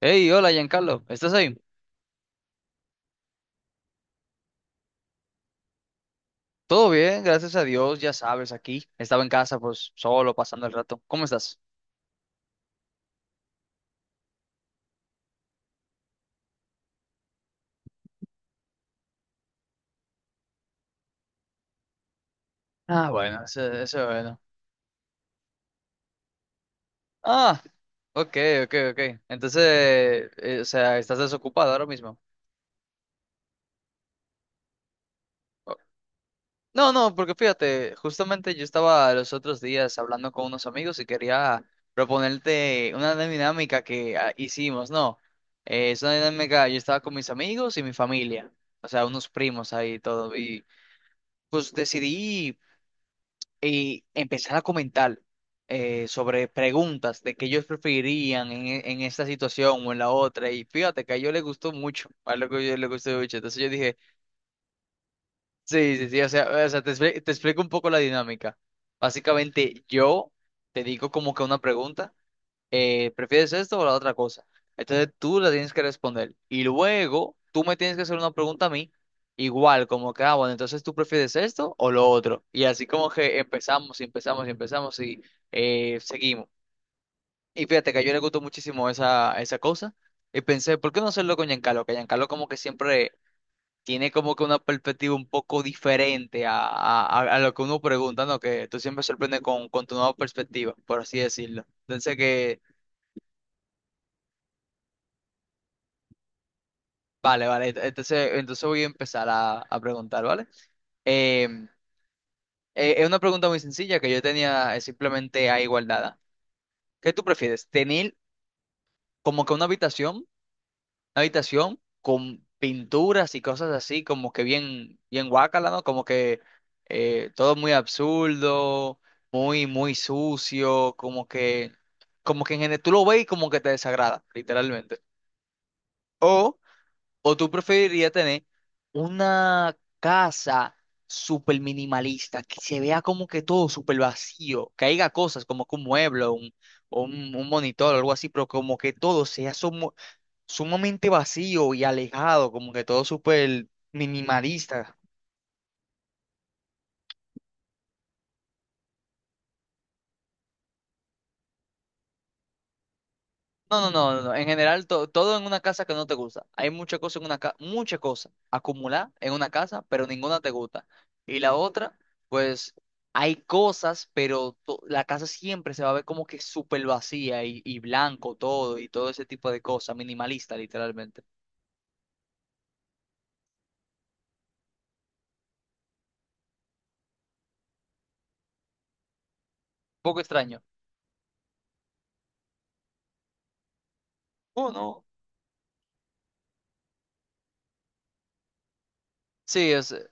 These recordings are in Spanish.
Hey, hola Giancarlo, ¿estás ahí? Todo bien, gracias a Dios, ya sabes, aquí. Estaba en casa, pues solo, pasando el rato. ¿Cómo estás? Ah, bueno, eso es bueno. Ah, ok, ok, ok. Entonces, o sea, ¿estás desocupado ahora mismo? Oh, no, no, porque fíjate, justamente yo estaba los otros días hablando con unos amigos y quería proponerte una dinámica que hicimos, ¿no? Es una dinámica, yo estaba con mis amigos y mi familia, o sea, unos primos ahí y todo, y pues decidí y empezar a comentar, sobre preguntas de qué ellos preferirían en esta situación o en la otra. Y fíjate que a ellos les gustó mucho, a lo que yo les gustó mucho. Entonces yo dije, sí, sí, sí, o sea, te explico un poco la dinámica. Básicamente yo te digo como que una pregunta, ¿prefieres esto o la otra cosa? Entonces tú la tienes que responder. Y luego tú me tienes que hacer una pregunta a mí, igual, como que, bueno, entonces tú prefieres esto o lo otro. Y así como que empezamos y empezamos y empezamos y, seguimos. Y fíjate que a yo le gustó muchísimo esa cosa. Y pensé, ¿por qué no hacerlo con Giancarlo? Que Giancarlo como que siempre tiene como que una perspectiva un poco diferente a lo que uno pregunta, ¿no? Que tú siempre sorprendes con tu nueva perspectiva, por así decirlo. Entonces que Vale, vale. Entonces voy a empezar a preguntar, ¿vale? Em, es una pregunta muy sencilla que yo tenía, simplemente a igualdad. ¿Qué tú prefieres? ¿Tener como que una habitación con pinturas y cosas así, como que bien, bien guácala, ¿no? Como que, todo muy absurdo, muy, muy sucio, como que en general tú lo ves y como que te desagrada, literalmente. ¿O tú preferirías tener una casa súper minimalista, que se vea como que todo súper vacío, que haya cosas como que un mueble o un, un monitor o algo así, pero como que todo sea sumamente vacío y alejado, como que todo súper minimalista? No, no, no, no, no. En general, todo en una casa que no te gusta. Hay muchas cosas en una casa, muchas cosas acumuladas en una casa, pero ninguna te gusta. Y la otra, pues hay cosas, pero la casa siempre se va a ver como que súper vacía y blanco todo y todo ese tipo de cosas, minimalista literalmente. Un poco extraño. Oh, no. Sí,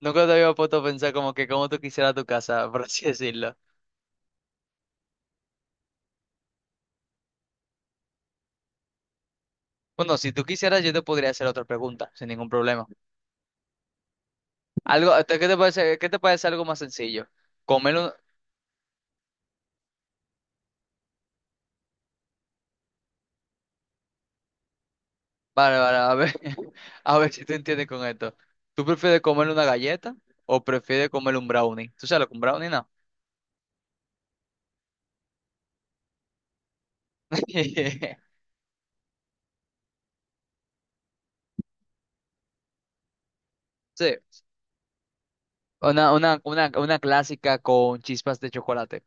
nunca te había puesto a pensar como que como tú quisieras tu casa, por así decirlo. Bueno, si tú quisieras, yo te podría hacer otra pregunta, sin ningún problema. Algo, ¿qué te parece algo más sencillo? Comer un. Vale, vale, a ver, a ver si te entiendes con esto. ¿Tú prefieres comer una galleta o prefieres comer un brownie? ¿Tú sabes lo que un brownie, no? Sí, una, una clásica con chispas de chocolate.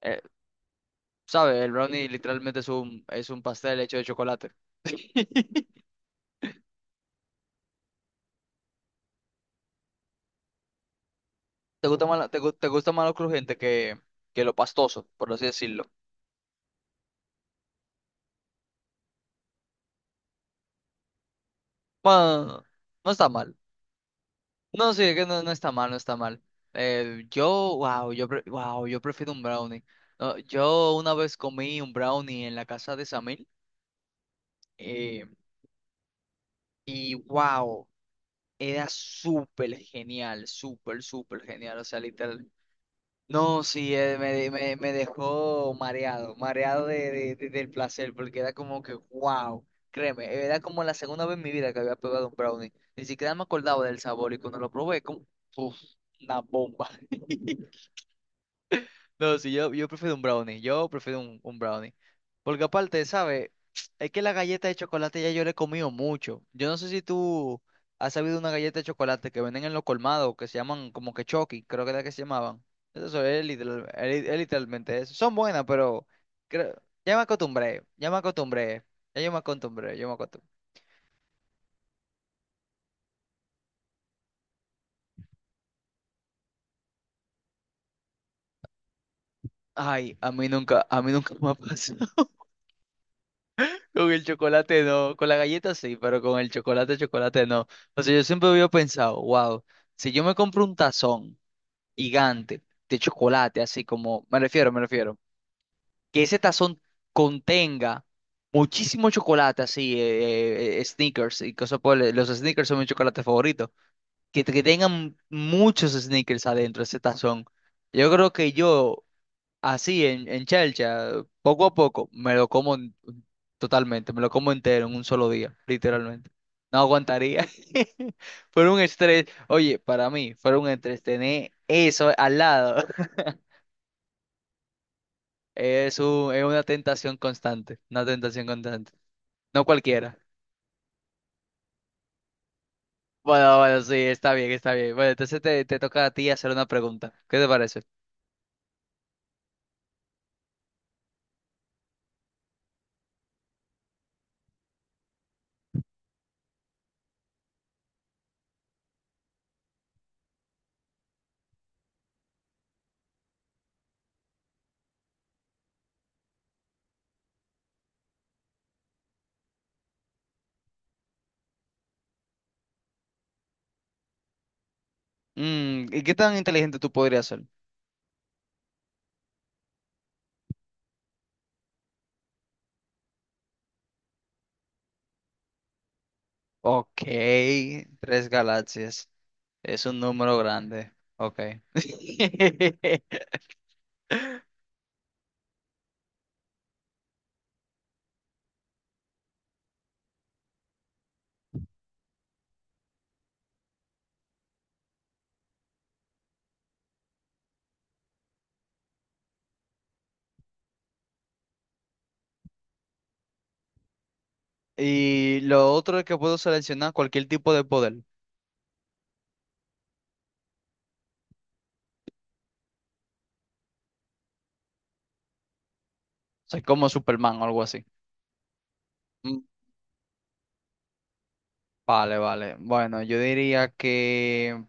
Eh, ¿Sabes? El brownie literalmente es un pastel hecho de chocolate. ¿Te gusta más, te gusta más lo crujiente que lo pastoso, por así decirlo? Bueno, no está mal. No, sí, es que no, no está mal, no está mal. Yo, wow, yo, pre- wow, yo prefiero un brownie. No, yo una vez comí un brownie en la casa de Samir, eh, y wow, era súper genial, súper, súper genial. O sea, literal. No, sí, me dejó mareado, mareado del placer, porque era como que, wow, créeme, era como la segunda vez en mi vida que había probado un brownie. Ni siquiera me acordaba del sabor y cuando lo probé, como, uf, una bomba. No, sí, yo prefiero un brownie. Yo prefiero un brownie. Porque aparte, ¿sabes? Es que la galleta de chocolate ya yo le he comido mucho. Yo no sé si tú has sabido una galleta de chocolate que venden en los colmados, que se llaman como que Chucky, creo que era que se llamaban. Eso es, literalmente eso. Son buenas, pero creo- ya me acostumbré, ya me acostumbré, ya yo me acostumbré, yo me acostumbré. Ay, a mí nunca me ha pasado. Con el chocolate no, con la galleta sí, pero con el chocolate, chocolate no. O sea, yo siempre había pensado, wow, si yo me compro un tazón gigante de chocolate, así como, me refiero, que ese tazón contenga muchísimo chocolate, así, Snickers y cosas los Snickers son mi chocolate favorito, que tengan muchos Snickers adentro ese tazón. Yo creo que yo, así, en chelcha, poco a poco, me lo como en- totalmente, me lo como entero en un solo día, literalmente. No aguantaría. Fue un estrés. Oye, para mí, fue un estrés tener eso al lado. Es una tentación constante, una tentación constante. No cualquiera. Bueno, bueno, sí, está bien, está bien. Bueno, entonces te toca a ti hacer una pregunta. ¿Qué te parece? ¿Y qué tan inteligente tú podrías ser? Ok, tres galaxias. Es un número grande. Ok. Y lo otro es que puedo seleccionar cualquier tipo de poder. O sea, como Superman o algo así. Mm, Vale, vale. Bueno, yo diría que.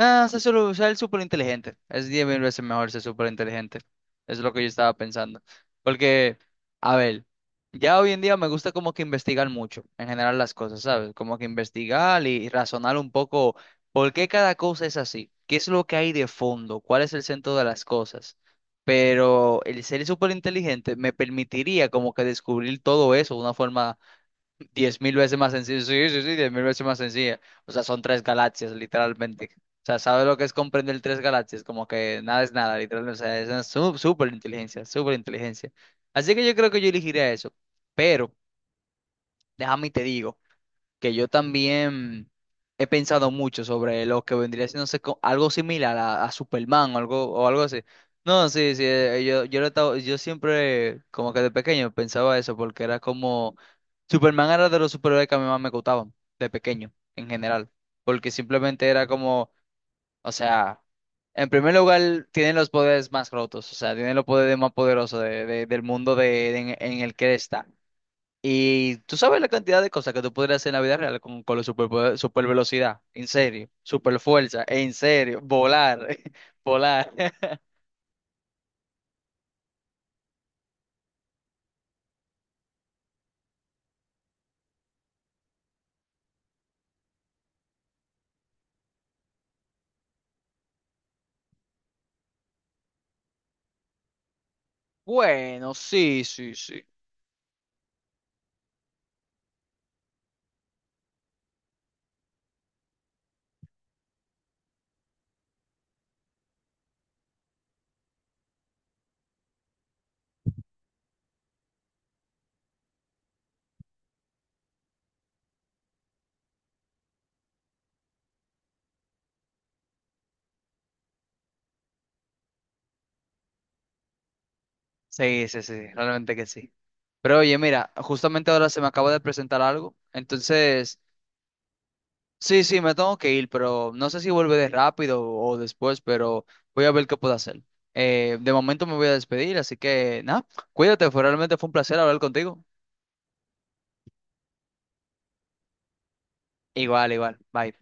Ah, se suele usar el súper inteligente. Es 10.000 veces mejor ser súper inteligente. Es lo que yo estaba pensando. Porque, a ver, ya hoy en día me gusta como que investigar mucho, en general las cosas, ¿sabes? Como que investigar y razonar un poco por qué cada cosa es así. ¿Qué es lo que hay de fondo? ¿Cuál es el centro de las cosas? Pero el ser súper inteligente me permitiría como que descubrir todo eso de una forma. 10.000 veces más sencillo. Sí, sí, sí, 10.000 veces más sencilla. O sea, son tres galaxias, literalmente. O sea, ¿sabes lo que es comprender tres galaxias? Como que nada es nada, literalmente. O sea, es una súper inteligencia, súper inteligencia. Así que yo creo que yo elegiría eso. Pero, déjame y te digo que yo también he pensado mucho sobre lo que vendría siendo algo similar a Superman o algo así. No, sí, sí, yo, yo, lo he estado- yo siempre, como que de pequeño, pensaba eso, porque era como, Superman era de los superhéroes que a mí más me gustaban, de pequeño, en general, porque simplemente era como, o sea, en primer lugar, tiene los poderes más rotos, o sea, tiene los poderes más poderosos del mundo en el que él está. Y tú sabes la cantidad de cosas que tú podrías hacer en la vida real con la super, super velocidad, en serio, super fuerza, en serio, volar, volar. Bueno, sí, sí, sí. Sí, sí, sí, realmente que sí. Pero oye, mira, justamente ahora se me acaba de presentar algo, entonces, sí, sí, me tengo que ir, pero no sé si vuelve de rápido o después, pero voy a ver qué puedo hacer. De momento me voy a despedir, así que nada, cuídate, realmente fue un placer hablar contigo. Igual, igual, bye.